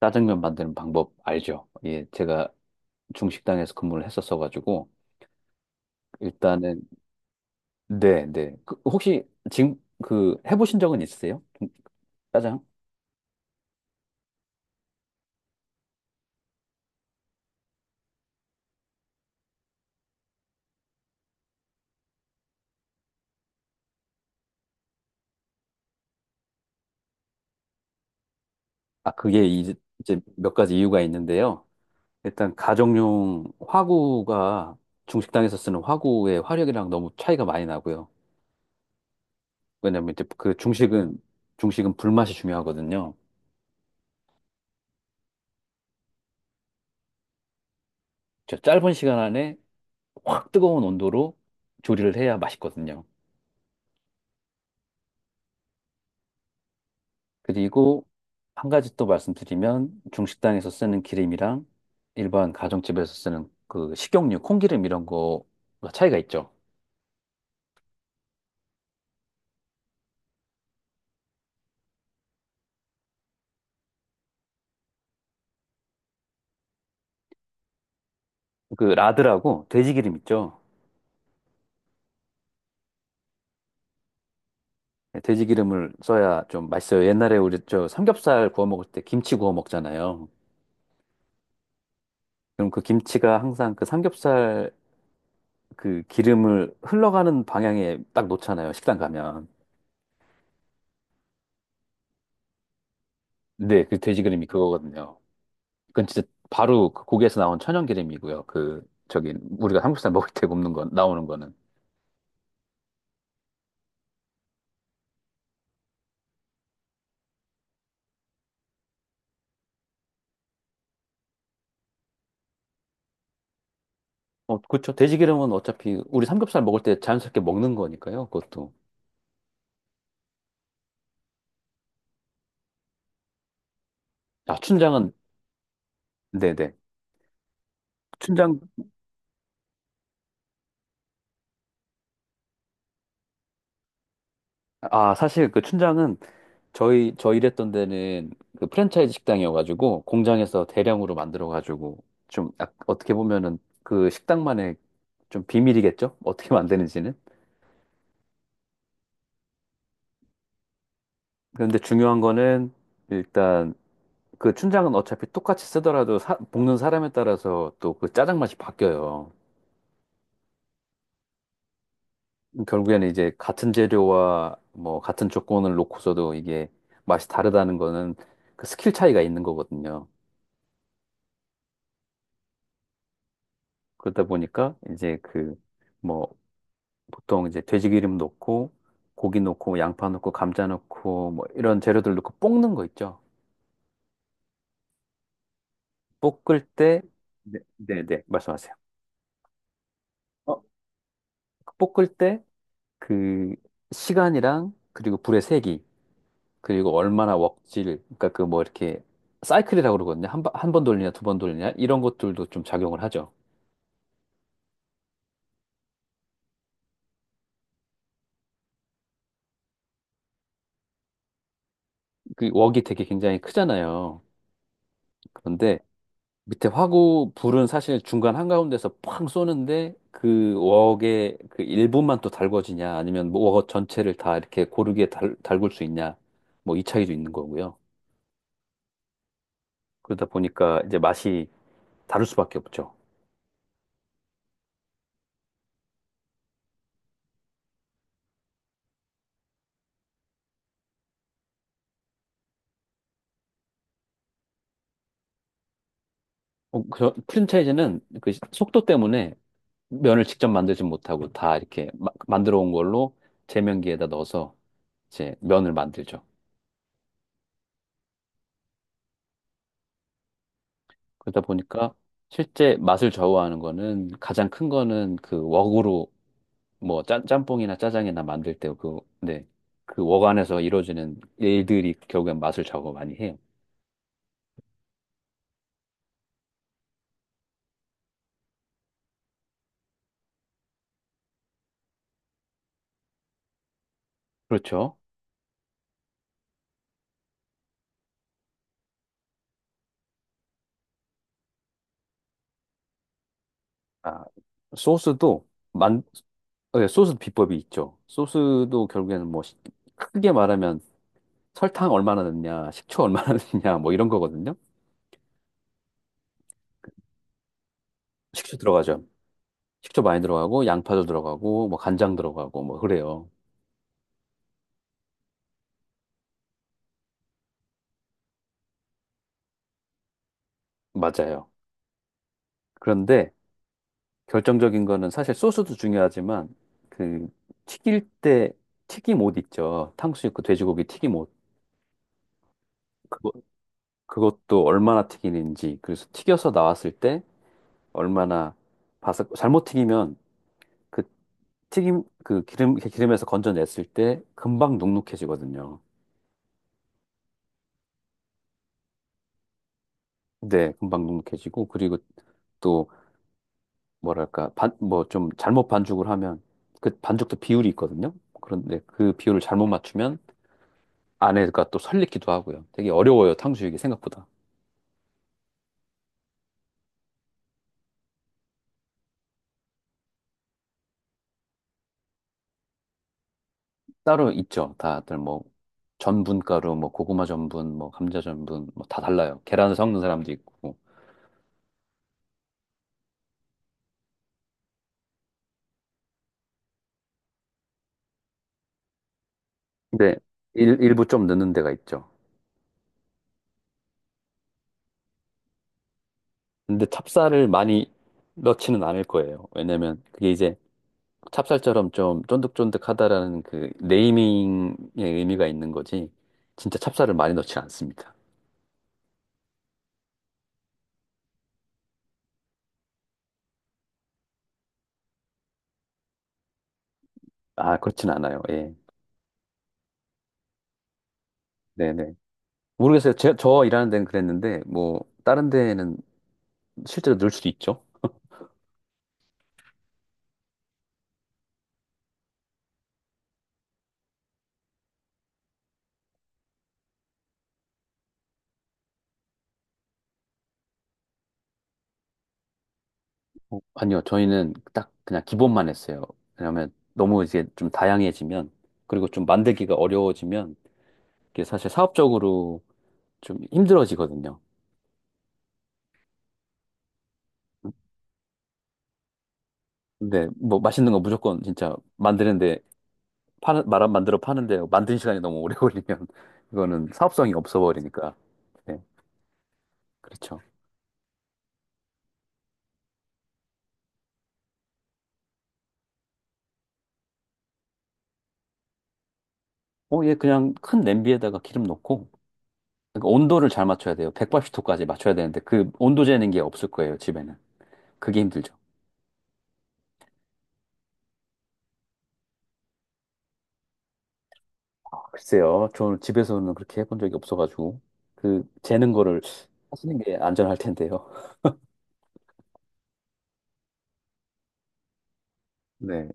짜장면 만드는 방법 알죠? 예, 제가 중식당에서 근무를 했었어가지고 일단은. 네, 네. 그, 혹시 지금 그 해보신 적은 있으세요? 짜장? 아, 그게 이제 몇 가지 이유가 있는데요. 일단 가정용 화구가 중식당에서 쓰는 화구의 화력이랑 너무 차이가 많이 나고요. 왜냐면 이제 그 중식은 불맛이 중요하거든요. 저 짧은 시간 안에 확 뜨거운 온도로 조리를 해야 맛있거든요. 그리고 한 가지 또 말씀드리면 중식당에서 쓰는 기름이랑 일반 가정집에서 쓰는 그 식용유, 콩기름 이런 거가 차이가 있죠. 그 라드라고 돼지기름 있죠. 네, 돼지기름을 써야 좀 맛있어요. 옛날에 우리 저 삼겹살 구워 먹을 때 김치 구워 먹잖아요. 그럼 그 김치가 항상 그 삼겹살 그 기름을 흘러가는 방향에 딱 놓잖아요. 식당 가면. 네, 그 돼지기름이 그거거든요. 그건 진짜 바로 그 고기에서 나온 천연기름이고요. 그 저기 우리가 삼겹살 먹을 때 굽는 건 나오는 거는. 어, 그렇죠. 돼지기름은 어차피 우리 삼겹살 먹을 때 자연스럽게 먹는 거니까요. 그것도. 아, 춘장은. 네네. 춘장 아, 사실 그 춘장은 저희 저 일했던 데는 그 프랜차이즈 식당이어가지고 공장에서 대량으로 만들어가지고 좀 어떻게 보면은 그 식당만의 좀 비밀이겠죠? 어떻게 만드는지는. 그런데 중요한 거는 일단 그 춘장은 어차피 똑같이 쓰더라도 볶는 사람에 따라서 또 그 짜장 맛이 바뀌어요. 결국에는 이제 같은 재료와 뭐 같은 조건을 놓고서도 이게 맛이 다르다는 거는 그 스킬 차이가 있는 거거든요. 그러다 보니까 이제 그, 뭐 보통 이제 돼지기름 넣고 고기 넣고 뭐 양파 넣고 감자 넣고 뭐 이런 재료들 넣고 볶는 거 있죠. 볶을 때. 네, 네, 네. 말씀하세요. 어, 볶을 때 그 시간이랑 그리고 불의 세기 그리고 얼마나 웍질, 그러니까 그 뭐 이렇게 사이클이라고 그러거든요. 한번 돌리냐, 두 번 돌리냐, 이런 것들도 좀 작용을 하죠. 그 웍이 되게 굉장히 크잖아요. 그런데 밑에 화구, 불은 사실 중간 한가운데서 팡 쏘는데 그 웍의 그 일부만 또 달궈지냐, 아니면 뭐웍 전체를 다 이렇게 고르게 달굴 수 있냐, 뭐 이 차이도 있는 거고요. 그러다 보니까 이제 맛이 다를 수밖에 없죠. 그 프랜차이즈는 그 속도 때문에 면을 직접 만들지 못하고 다 이렇게 만들어 온 걸로 제면기에다 넣어서 이제 면을 만들죠. 그러다 보니까 실제 맛을 좌우하는 거는 가장 큰 거는 그 웍으로 뭐 짬뽕이나 짜장이나 만들 때 그, 네. 그웍 안에서 이루어지는 일들이 결국엔 맛을 좌우 많이 해요. 그렇죠. 아, 소스도. 만, 네, 소스 비법이 있죠. 소스도 결국에는 뭐 크게 말하면 설탕 얼마나 넣냐, 식초 얼마나 넣냐, 뭐 이런 거거든요. 식초 들어가죠. 식초 많이 들어가고, 양파도 들어가고, 뭐 간장 들어가고, 뭐 그래요. 맞아요. 그런데 결정적인 거는 사실 소스도 중요하지만, 그 튀길 때 튀김옷 있죠. 탕수육 그 돼지고기 튀김옷. 그거, 그것도 얼마나 튀기는지, 그래서 튀겨서 나왔을 때 얼마나 바삭, 잘못 튀기면 그 튀김, 그 기름에서 건져냈을 때 금방 눅눅해지거든요. 네, 금방 눅눅해지고 그리고 또 뭐랄까 반 뭐 좀 잘못 반죽을 하면 그 반죽도 비율이 있거든요. 그런데 그 비율을 잘못 맞추면 안에가 또 설리기도 하고요. 되게 어려워요, 탕수육이 생각보다. 따로 있죠. 다들 뭐 전분가루, 뭐 고구마 전분, 뭐 감자 전분, 뭐 다 달라요. 계란을 섞는 사람도 있고. 근데 일부 좀 넣는 데가 있죠. 근데 찹쌀을 많이 넣지는 않을 거예요. 왜냐면 그게 이제 찹쌀처럼 좀 쫀득쫀득하다라는 그 네이밍의 의미가 있는 거지 진짜 찹쌀을 많이 넣지 않습니다. 아, 그렇진 않아요. 예. 네네. 모르겠어요. 저 일하는 데는 그랬는데 뭐 다른 데는 실제로 넣을 수도 있죠. 아니요. 저희는 딱 그냥 기본만 했어요. 왜냐하면 너무 이제 좀 다양해지면 그리고 좀 만들기가 어려워지면 이게 사실 사업적으로 좀 힘들어지거든요. 근데 뭐 맛있는 거 무조건 진짜 만드는데 파는, 말안 만들어 파는데 만드는 시간이 너무 오래 걸리면 이거는 사업성이 없어 버리니까. 네, 그렇죠. 얘 그냥 큰 냄비에다가 기름 넣고 그러니까 온도를 잘 맞춰야 돼요. 180도까지 맞춰야 되는데 그 온도 재는 게 없을 거예요, 집에는. 그게 힘들죠. 글쎄요. 저는 집에서는 그렇게 해본 적이 없어가지고 그 재는 거를 하시는 게 안전할 텐데요. 네.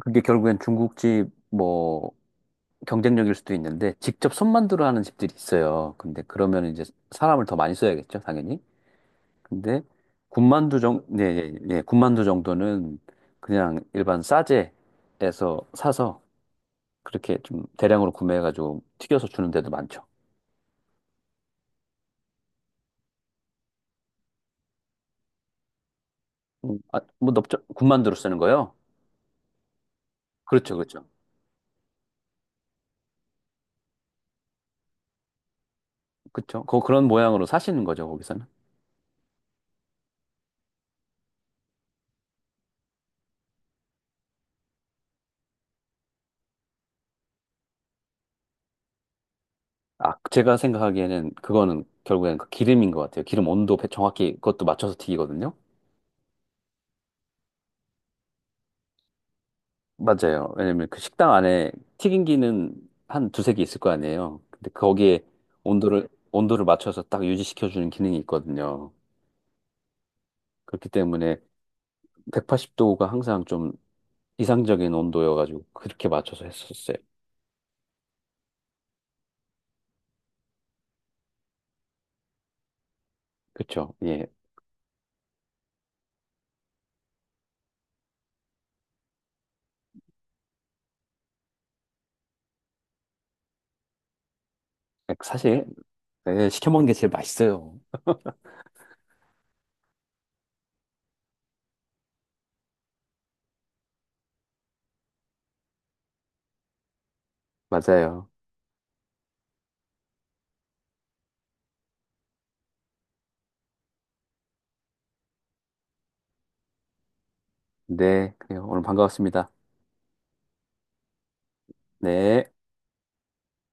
그게 결국엔 중국집 뭐 경쟁력일 수도 있는데 직접 손 만들어 하는 집들이 있어요. 근데 그러면 이제 사람을 더 많이 써야겠죠, 당연히. 근데 예, 예, 예, 군만두 정도는 그냥 일반 싸제에서 사서 그렇게 좀 대량으로 구매해가지고 튀겨서 주는 데도 많죠. 아, 뭐 넓적 군만두로 쓰는 거요? 그렇죠, 그렇죠, 그렇죠. 그런 모양으로 사시는 거죠, 거기서는. 아, 제가 생각하기에는 그거는 결국엔 그 기름인 것 같아요. 기름 온도 정확히 그것도 맞춰서 튀기거든요. 맞아요. 왜냐면 그 식당 안에 튀김기는 한 두세 개 있을 거 아니에요. 근데 거기에 온도를 맞춰서 딱 유지시켜주는 기능이 있거든요. 그렇기 때문에 180도가 항상 좀 이상적인 온도여가지고 그렇게 맞춰서 했었어요. 그쵸? 예. 사실, 예, 시켜먹는 게 제일 맛있어요. 맞아요. 네. 그래요. 오늘 반가웠습니다. 네.